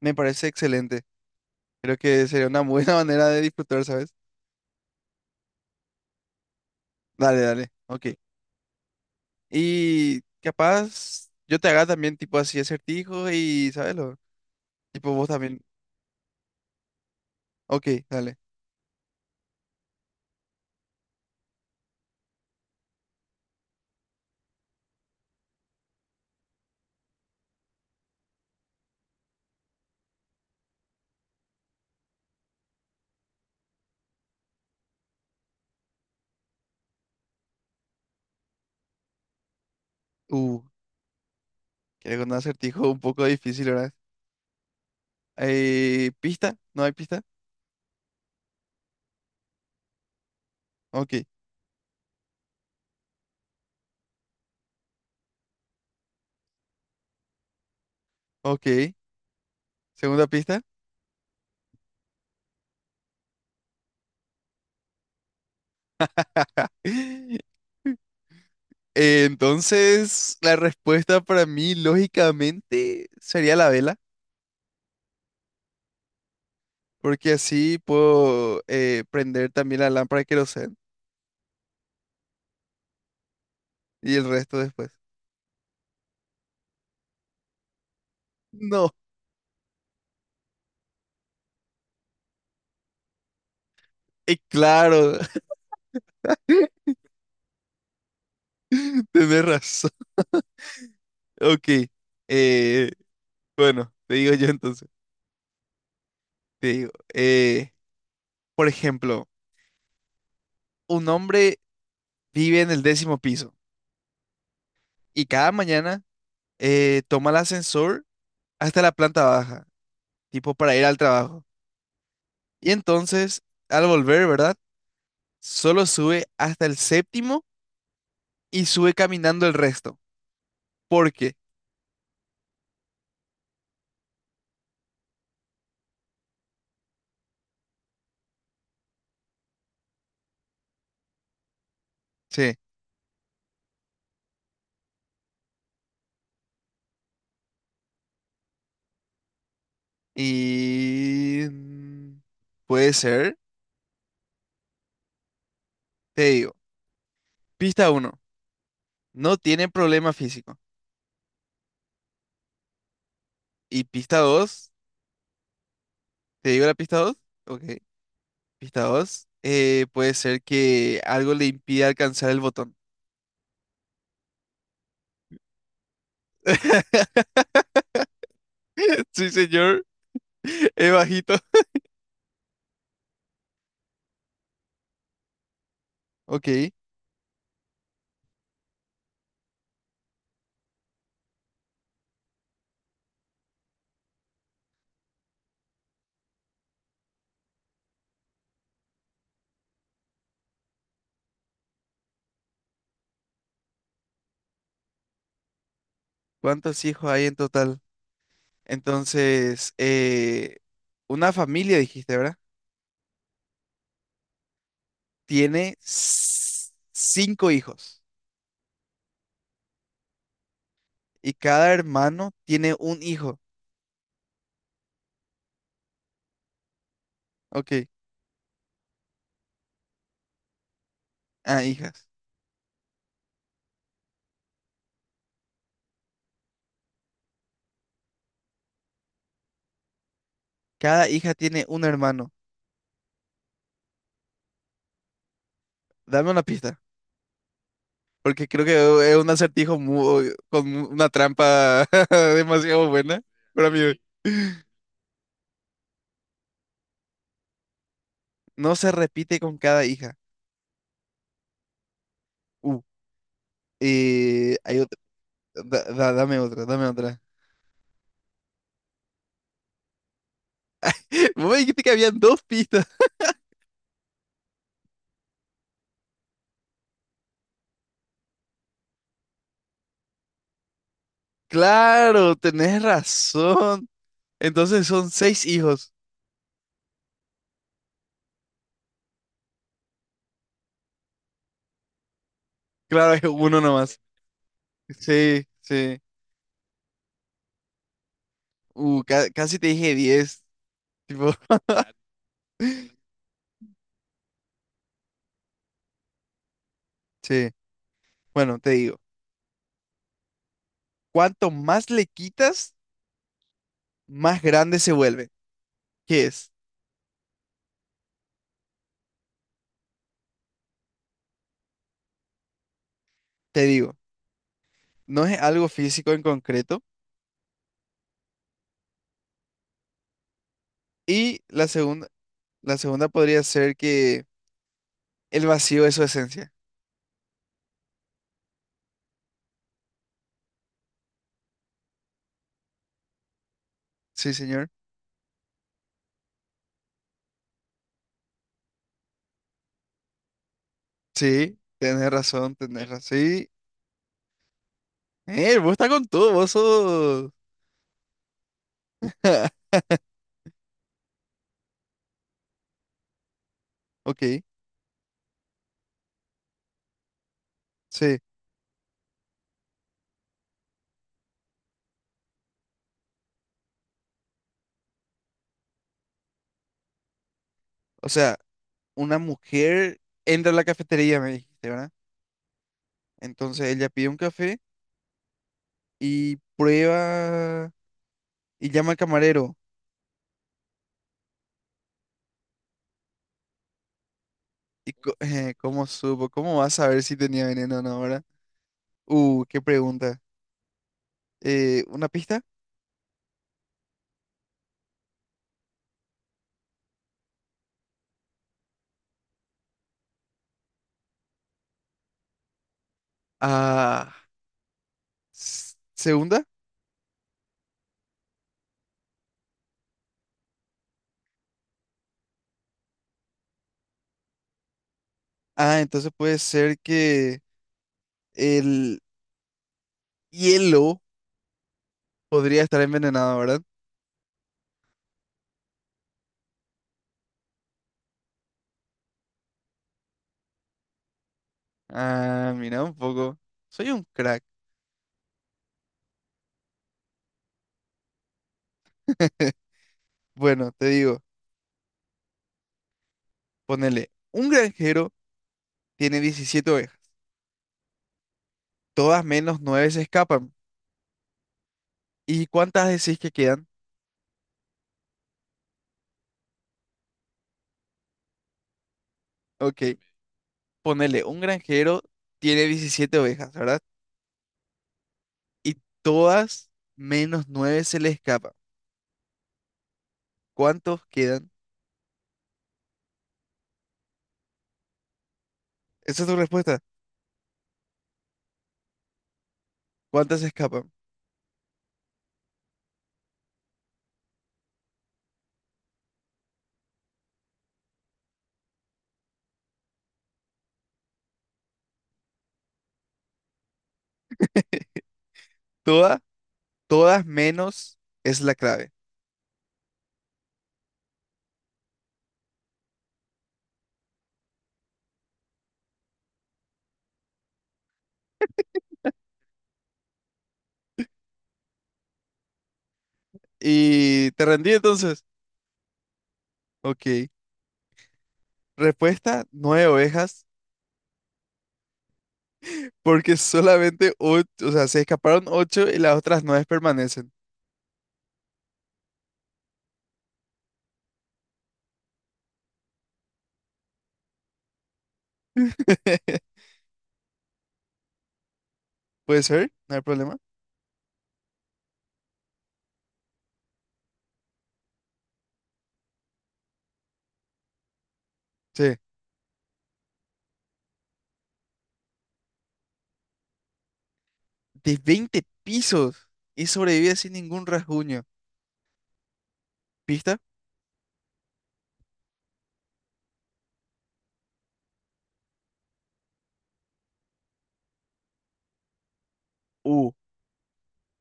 Me parece excelente. Creo que sería una buena manera de disfrutar, ¿sabes? Dale, dale. Ok. Y capaz yo te haga también tipo así acertijos y, ¿sabes? Lo, tipo vos también. Ok, dale. Uh, quiero con un acertijo un poco difícil, ¿verdad? ¿Pista? ¿No hay pista? Ok, ok. Segunda pista. Entonces, la respuesta para mí, lógicamente, sería la vela, porque así puedo prender también la lámpara de queroseno. Y el resto después. No, claro, tenés razón. Ok, eh, bueno, te digo yo entonces. Te digo, por ejemplo, un hombre vive en el décimo piso y cada mañana toma el ascensor hasta la planta baja, tipo para ir al trabajo. Y entonces, al volver, ¿verdad? Solo sube hasta el séptimo y sube caminando el resto. ¿Por qué? Sí, y mm, puede ser, te digo. Pista uno, no tiene problema físico. Y pista 2, ¿te digo la pista dos? Ok, pista 2, puede ser que algo le impida alcanzar el botón. Sí, señor, es bajito. Ok, ¿cuántos hijos hay en total? Entonces, una familia, dijiste, ¿verdad? Tiene cinco hijos y cada hermano tiene un hijo. Ok, ah, hijas. Cada hija tiene un hermano. Dame una pista, porque creo que es un acertijo con una trampa demasiado buena para mí. No se repite con cada hija. Uh, hay otra. Dame otra, dame otra. Vos me dijiste que habían dos pistas. Claro, tenés razón. Entonces son seis hijos. Claro, es uno nomás. Sí, sí. Uh, casi te dije diez. Tipo, sí. Bueno, te digo. Cuanto más le quitas, más grande se vuelve. ¿Qué es? Te digo, no es algo físico en concreto. Y la segunda podría ser que el vacío es su esencia. Sí, señor. Sí, tenés razón, tenés razón. Sí. Vos estás con todo, vos sos... Ok, sí. O sea, una mujer entra a la cafetería, me dijiste, ¿verdad? Entonces ella pide un café y prueba y llama al camarero. ¿Cómo supo? ¿Cómo va a saber si tenía veneno o no, verdad? Qué pregunta. ¿Una pista? Ah. Segunda. Ah, entonces puede ser que el hielo podría estar envenenado, ¿verdad? Ah, mira un poco. Soy un crack. Bueno, te digo, ponele, un granjero tiene 17 ovejas, todas menos 9 se escapan. ¿Y cuántas decís que quedan? Ok, ponele, un granjero tiene 17 ovejas, ¿verdad? Y todas menos 9 se le escapan. ¿Cuántos quedan? Esa es tu respuesta. ¿Cuántas se escapan? ¿Todas? Todas menos es la clave. Y te rendí entonces. Ok. Respuesta, nueve ovejas, porque solamente ocho, o sea, se escaparon ocho y las otras nueve permanecen. ¿Puede ser? No hay problema. Sí. De 20 pisos y sobrevive sin ningún rasguño. ¿Pista? Uh.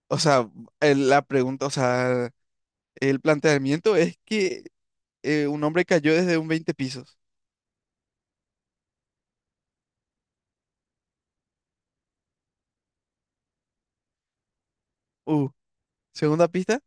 O sea, la pregunta, o sea, el planteamiento es que un hombre cayó desde un 20 pisos. Uh. Segunda pista.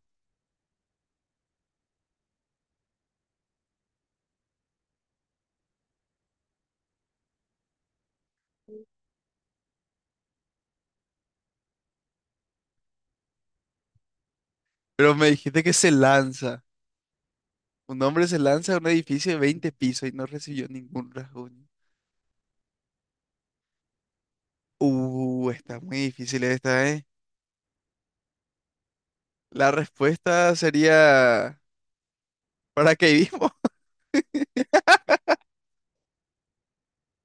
Pero me dijiste que se lanza. Un hombre se lanza a un edificio de 20 pisos y no recibió ningún rasguño. Está muy difícil esta, ¿eh? La respuesta sería paracaidismo.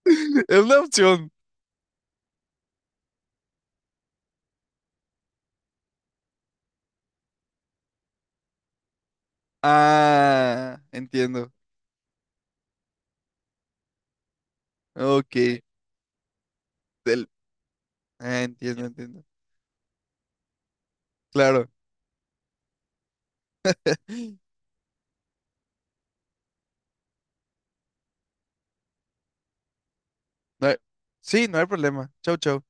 Es una opción. Ah, entiendo. Ok. Del- ah, entiendo, entiendo. Claro. No hay- Sí, no hay problema. Chau, chau.